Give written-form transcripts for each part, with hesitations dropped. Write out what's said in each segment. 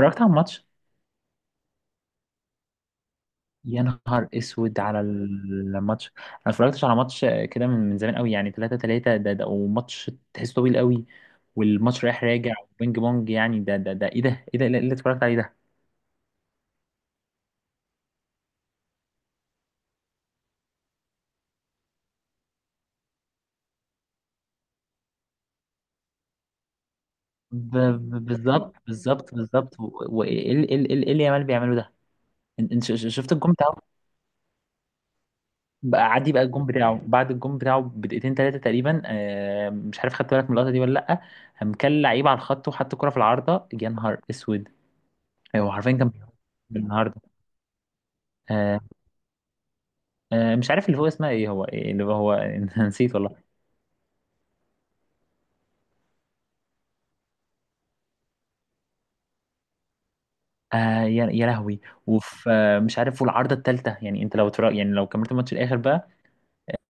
اتفرجت على الماتش. يا نهار اسود على الماتش، انا ما اتفرجتش على ماتش كده من زمان قوي، يعني 3-3 ده. وماتش تحسه طويل قوي، والماتش رايح راجع وبينج بونج، يعني ده ايه ده ايه ده إيه اللي اتفرجت عليه ده؟ بالظبط، بالظبط، بالظبط، و- وايه اللي إيه اللي إيه اللي يامال بيعمله ده؟ انت إنت ش- ش- شفت الجون بتاعه؟ بقى عادي بقى الجون بتاعه بعد الجون بتاعه بدقيقتين ثلاثه تقريبا، مش عارف، خدت بالك من اللقطه دي ولا لا؟ قام كل لعيب على الخط وحط كرة في العارضه، يا نهار اسود! ايوه، عارفين كان بيعمل إيه النهارده؟ آه مش عارف اللي هو اسمها ايه، هو إيه اللي هو نسيت والله. آه، يا يا لهوي! وفي مش عارف، والعارضه الثالثه، يعني انت لو ترى، يعني لو كملت الماتش الاخر بقى،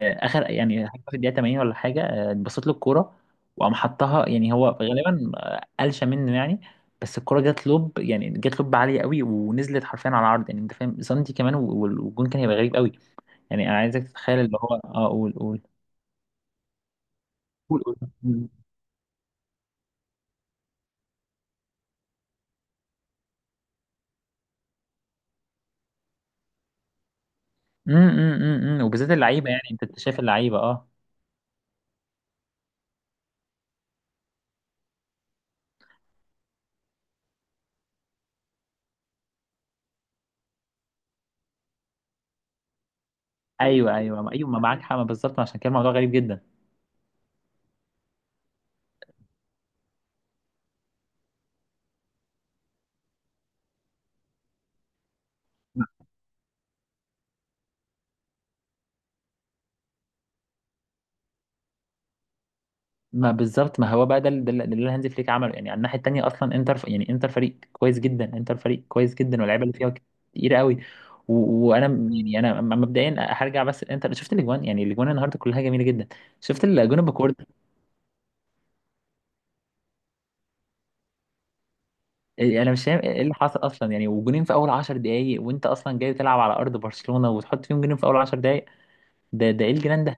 اخر، يعني حاجه في الدقيقه 80 ولا حاجه، اتبصت له الكوره وقام حطها، يعني هو غالبا قلشه منه، يعني بس الكوره جت لوب، يعني جت لوب عاليه قوي ونزلت حرفيا على العرض، يعني انت فاهم، سنتي كمان والجون كان هيبقى غريب قوي. يعني انا عايزك تتخيل اللي هو، اه قول، قول، قول، قول. وبالذات اللعيبه، يعني انت شايف اللعيبه، اه. ايوه، ايوه، ايوه، ما معاك حق، ما بالظبط، ما عشان كده الموضوع غريب جدا. ما بالظبط، ما هو بقى ده اللي هانز فليك عمله، يعني على الناحيه التانيه اصلا انتر، يعني انتر فريق كويس جدا، انتر فريق كويس جدا، واللعيبه اللي فيها كتير قوي. و- وانا م- يعني انا م- مبدئيا هرجع، بس انتر، شفت الاجوان، يعني الاجوان النهارده كلها جميله جدا، شفت الاجوان بكورد. انا مش فاهم ايه اللي حصل اصلا، يعني وجونين في اول 10 دقائق، وانت اصلا جاي تلعب على ارض برشلونه وتحط فيهم جونين في اول 10 دقائق، ده ايه الجنان ده!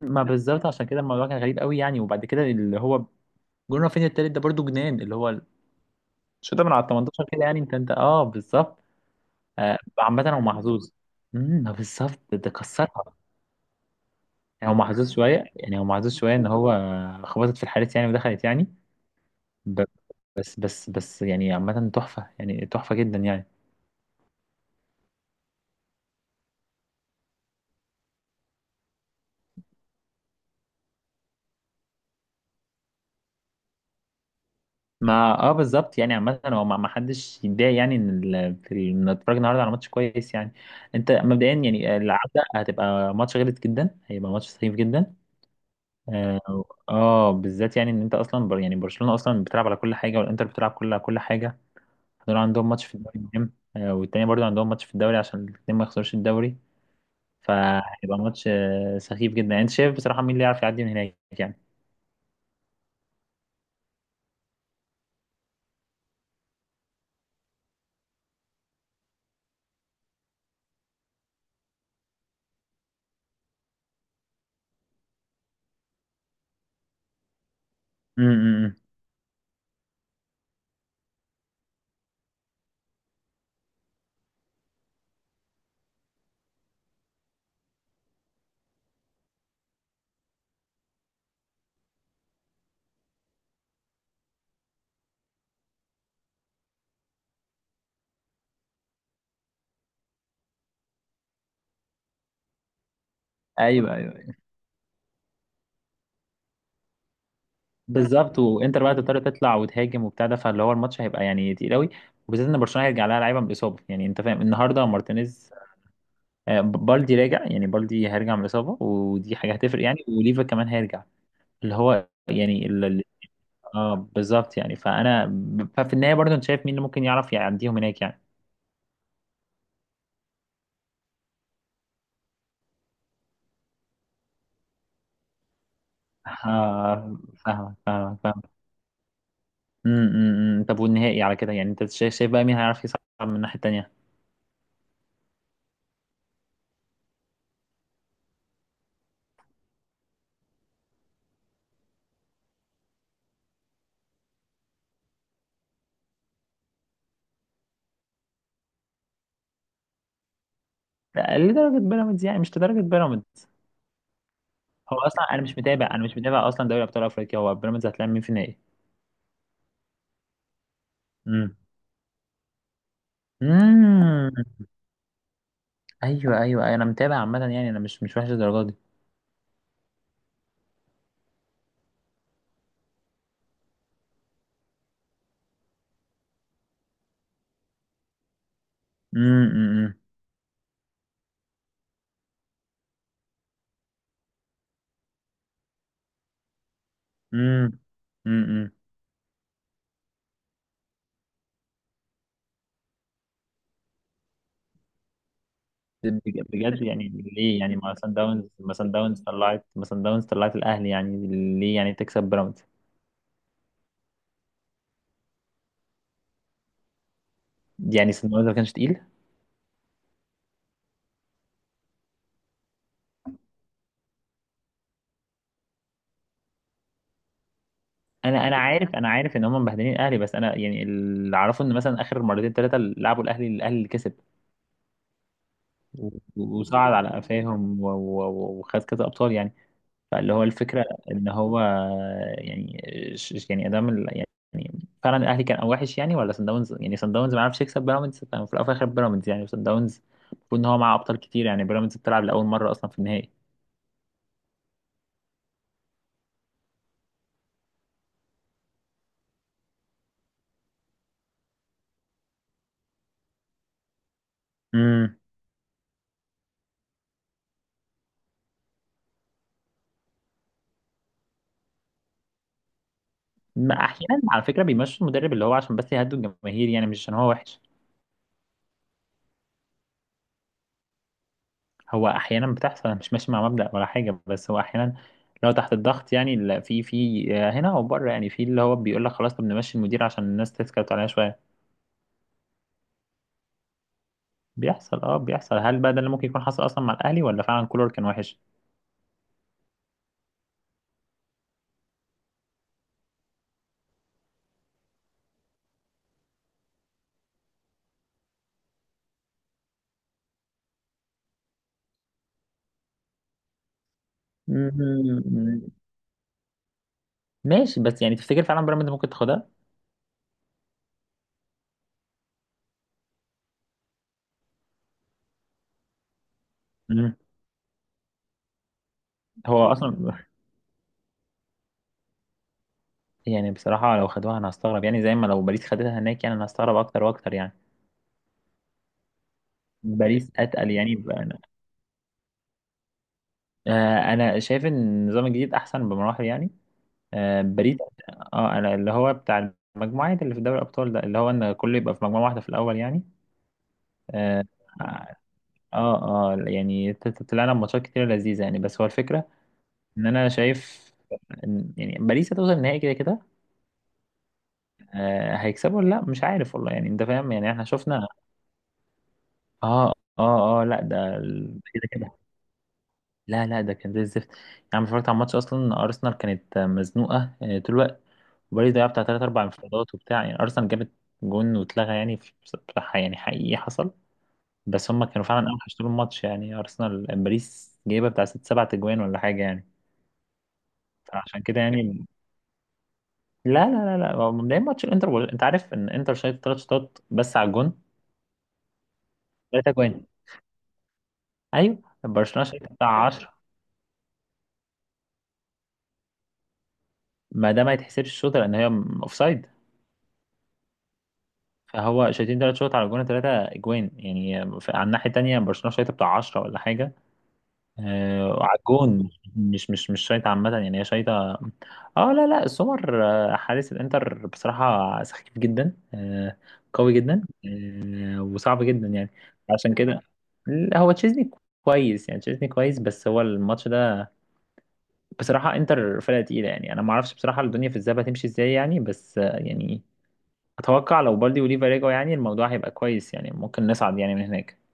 ما بالظبط، عشان كده الموضوع كان غريب قوي، يعني وبعد كده اللي هو جون رافينيا التالت ده برضو جنان، اللي هو الشوطه من على ال 18 كده، يعني انت اه بالظبط. عامه هو محظوظ. امم، بالظبط ده كسرها. يعني هو محظوظ شويه، يعني هو محظوظ شويه ان هو خبطت في الحارس، يعني ودخلت، يعني ب- بس، بس، بس، يعني عامه تحفه، يعني تحفه جدا، يعني ما، اه بالظبط. يعني عامه هو، ما حدش يتضايق، يعني ان إن نتفرج النهارده على ماتش كويس، يعني انت مبدئيا، يعني العوده هتبقى ماتش غلط جدا، هيبقى ماتش سخيف جدا، اه. بالذات يعني ان انت اصلا، بر، يعني برشلونه اصلا بتلعب على كل حاجه، والانتر بتلعب كل على كل حاجه، دول عندهم ماتش في الدوري مهم، والتاني برضو عندهم ماتش في الدوري عشان الاثنين ما يخسروش الدوري، فهيبقى ماتش سخيف جدا، يعني انت شايف بصراحه مين اللي يعرف يعدي من هناك، يعني. امم، ايوه، ايوه، أيوة. بالظبط، وانتر بقى تضطر تطلع وتهاجم وبتاع ده، فاللي هو الماتش هيبقى يعني تقيل قوي، وبالذات ان برشلونه هيرجع لها لعيبه من الاصابه، يعني انت فاهم، النهارده مارتينيز، بالدي راجع، يعني بالدي هيرجع من الاصابه، ودي حاجه هتفرق، يعني وليفا كمان هيرجع، اللي هو يعني اه بالظبط، يعني فانا، ففي النهايه برضه انت شايف مين اللي ممكن يعرف يعديهم هناك، يعني آه. فاهمك، فاهمك، فاهمك. امم، طب والنهائي على كده، يعني انت شايف، شايف بقى مين هيعرف يصعد من الناحيه التانيه. لا، لدرجه بيراميدز، يعني مش لدرجه بيراميدز. هو اصلا انا مش متابع، انا مش متابع اصلا دوري ابطال افريقيا، هو بيراميدز هتلاعب مين في النهائي؟ امم، امم. ايوه، ايوه، ايوه، انا متابع عامه، يعني انا مش وحش الدرجه دي. امم، امم، امم، بجد، يعني ليه، يعني ما سان داونز، ما سان داونز طلعت الاهلي، يعني ليه، يعني تكسب بيراميدز؟ يعني سان داونز ما كانش تقيل. انا عارف، انا عارف ان هم مبهدلين الاهلي، بس انا يعني اللي اعرفه ان مثلا اخر مرتين ثلاثه لعبوا الاهلي اللي كسب وصعد على قفاهم، وخد كذا ابطال، يعني فاللي هو الفكرة ان هو يعني، يعني ادام يعني فعلا الاهلي كان او وحش، يعني ولا سان داونز، ما عرفش يكسب بيراميدز، ففي الاول وفي الاخر بيراميدز، يعني سان داونز المفروض ان هو معاه ابطال كتير، يعني بيراميدز بتلعب لاول مرة اصلا في النهائي. امم. ما احيانا على فكرة بيمشوا المدرب اللي هو عشان بس يهدوا الجماهير، يعني مش عشان هو وحش. هو احيانا بتحصل، أنا مش ماشي مع مبدأ ولا حاجة، بس هو احيانا لو تحت الضغط، يعني في في هنا وبره، يعني في اللي هو بيقول لك خلاص، طب نمشي المدير عشان الناس تسكت عليها شوية. بيحصل، اه بيحصل. هل بقى ده اللي ممكن يكون حصل اصلا مع الاهلي، ولا فعلا كولر كان وحش؟ مم، ماشي، بس يعني تفتكر فعلا بيراميدز ممكن تاخدها؟ مم. هو اصلا، يعني بصراحه لو خدوها انا هستغرب، يعني زي ما لو باريس خدتها هناك، يعني انا هستغرب اكتر واكتر، يعني باريس اتقل، يعني ب- انا آه، أنا شايف ان النظام الجديد احسن بمراحل، يعني باريس، اه انا اللي هو بتاع المجموعات اللي في دوري الابطال ده، اللي هو ان كله يبقى في مجموعه واحده في الاول، يعني اه، يعني طلعنا بماتشات كتير لذيذه، يعني بس هو الفكره ان انا شايف، يعني باريس هتوصل النهائي كده كده. هيكسبوا ولا لا؟ مش عارف والله، يعني انت فاهم، يعني احنا شفنا. اه، اه، اه، لا ده كده كده. لا، لا، ده كان زي الزفت، يعني اتفرجت على الماتش اصلا، ارسنال كانت مزنوقه طول الوقت، وباريس ضيعت بتاع ثلاث اربع انفرادات وبتاع، يعني ارسنال جابت جون واتلغى، يعني بصراحه، يعني حقيقي حصل، بس هم كانوا فعلا اوحش طول الماتش، يعني ارسنال، باريس جايبه بتاع ست سبع تجوان ولا حاجه، يعني فعشان كده، يعني، لا، لا، لا، لا، هو مبدئيا ماتش الانتر، انت عارف ان انتر شايف ثلاث شوطات بس على الجون، ثلاثة جوان، ايوه، برشلونه شايف بتاع 10، ما ده ما يتحسبش الشوط لان هي اوفسايد، فهو شايفين ثلاث شوط على الجون، ثلاثه اجوان، يعني على الناحيه الثانيه برشلونه شايف بتاع 10 ولا حاجه، على الجون، مش شايطة عامة، يعني هي شايطة. اه، لا، لا، سمر حارس الانتر بصراحة سخيف جدا قوي جدا وصعب جدا، يعني عشان كده. لا، هو تشيزني كويس، يعني تشيزني كويس، بس هو الماتش ده بصراحة انتر فرقة تقيلة، يعني انا ما اعرفش بصراحة الدنيا في الذهاب هتمشي ازاي، يعني بس، يعني اتوقع لو بالدي وليفا رجعوا، يعني الموضوع هيبقى كويس، يعني ممكن نصعد يعني من هناك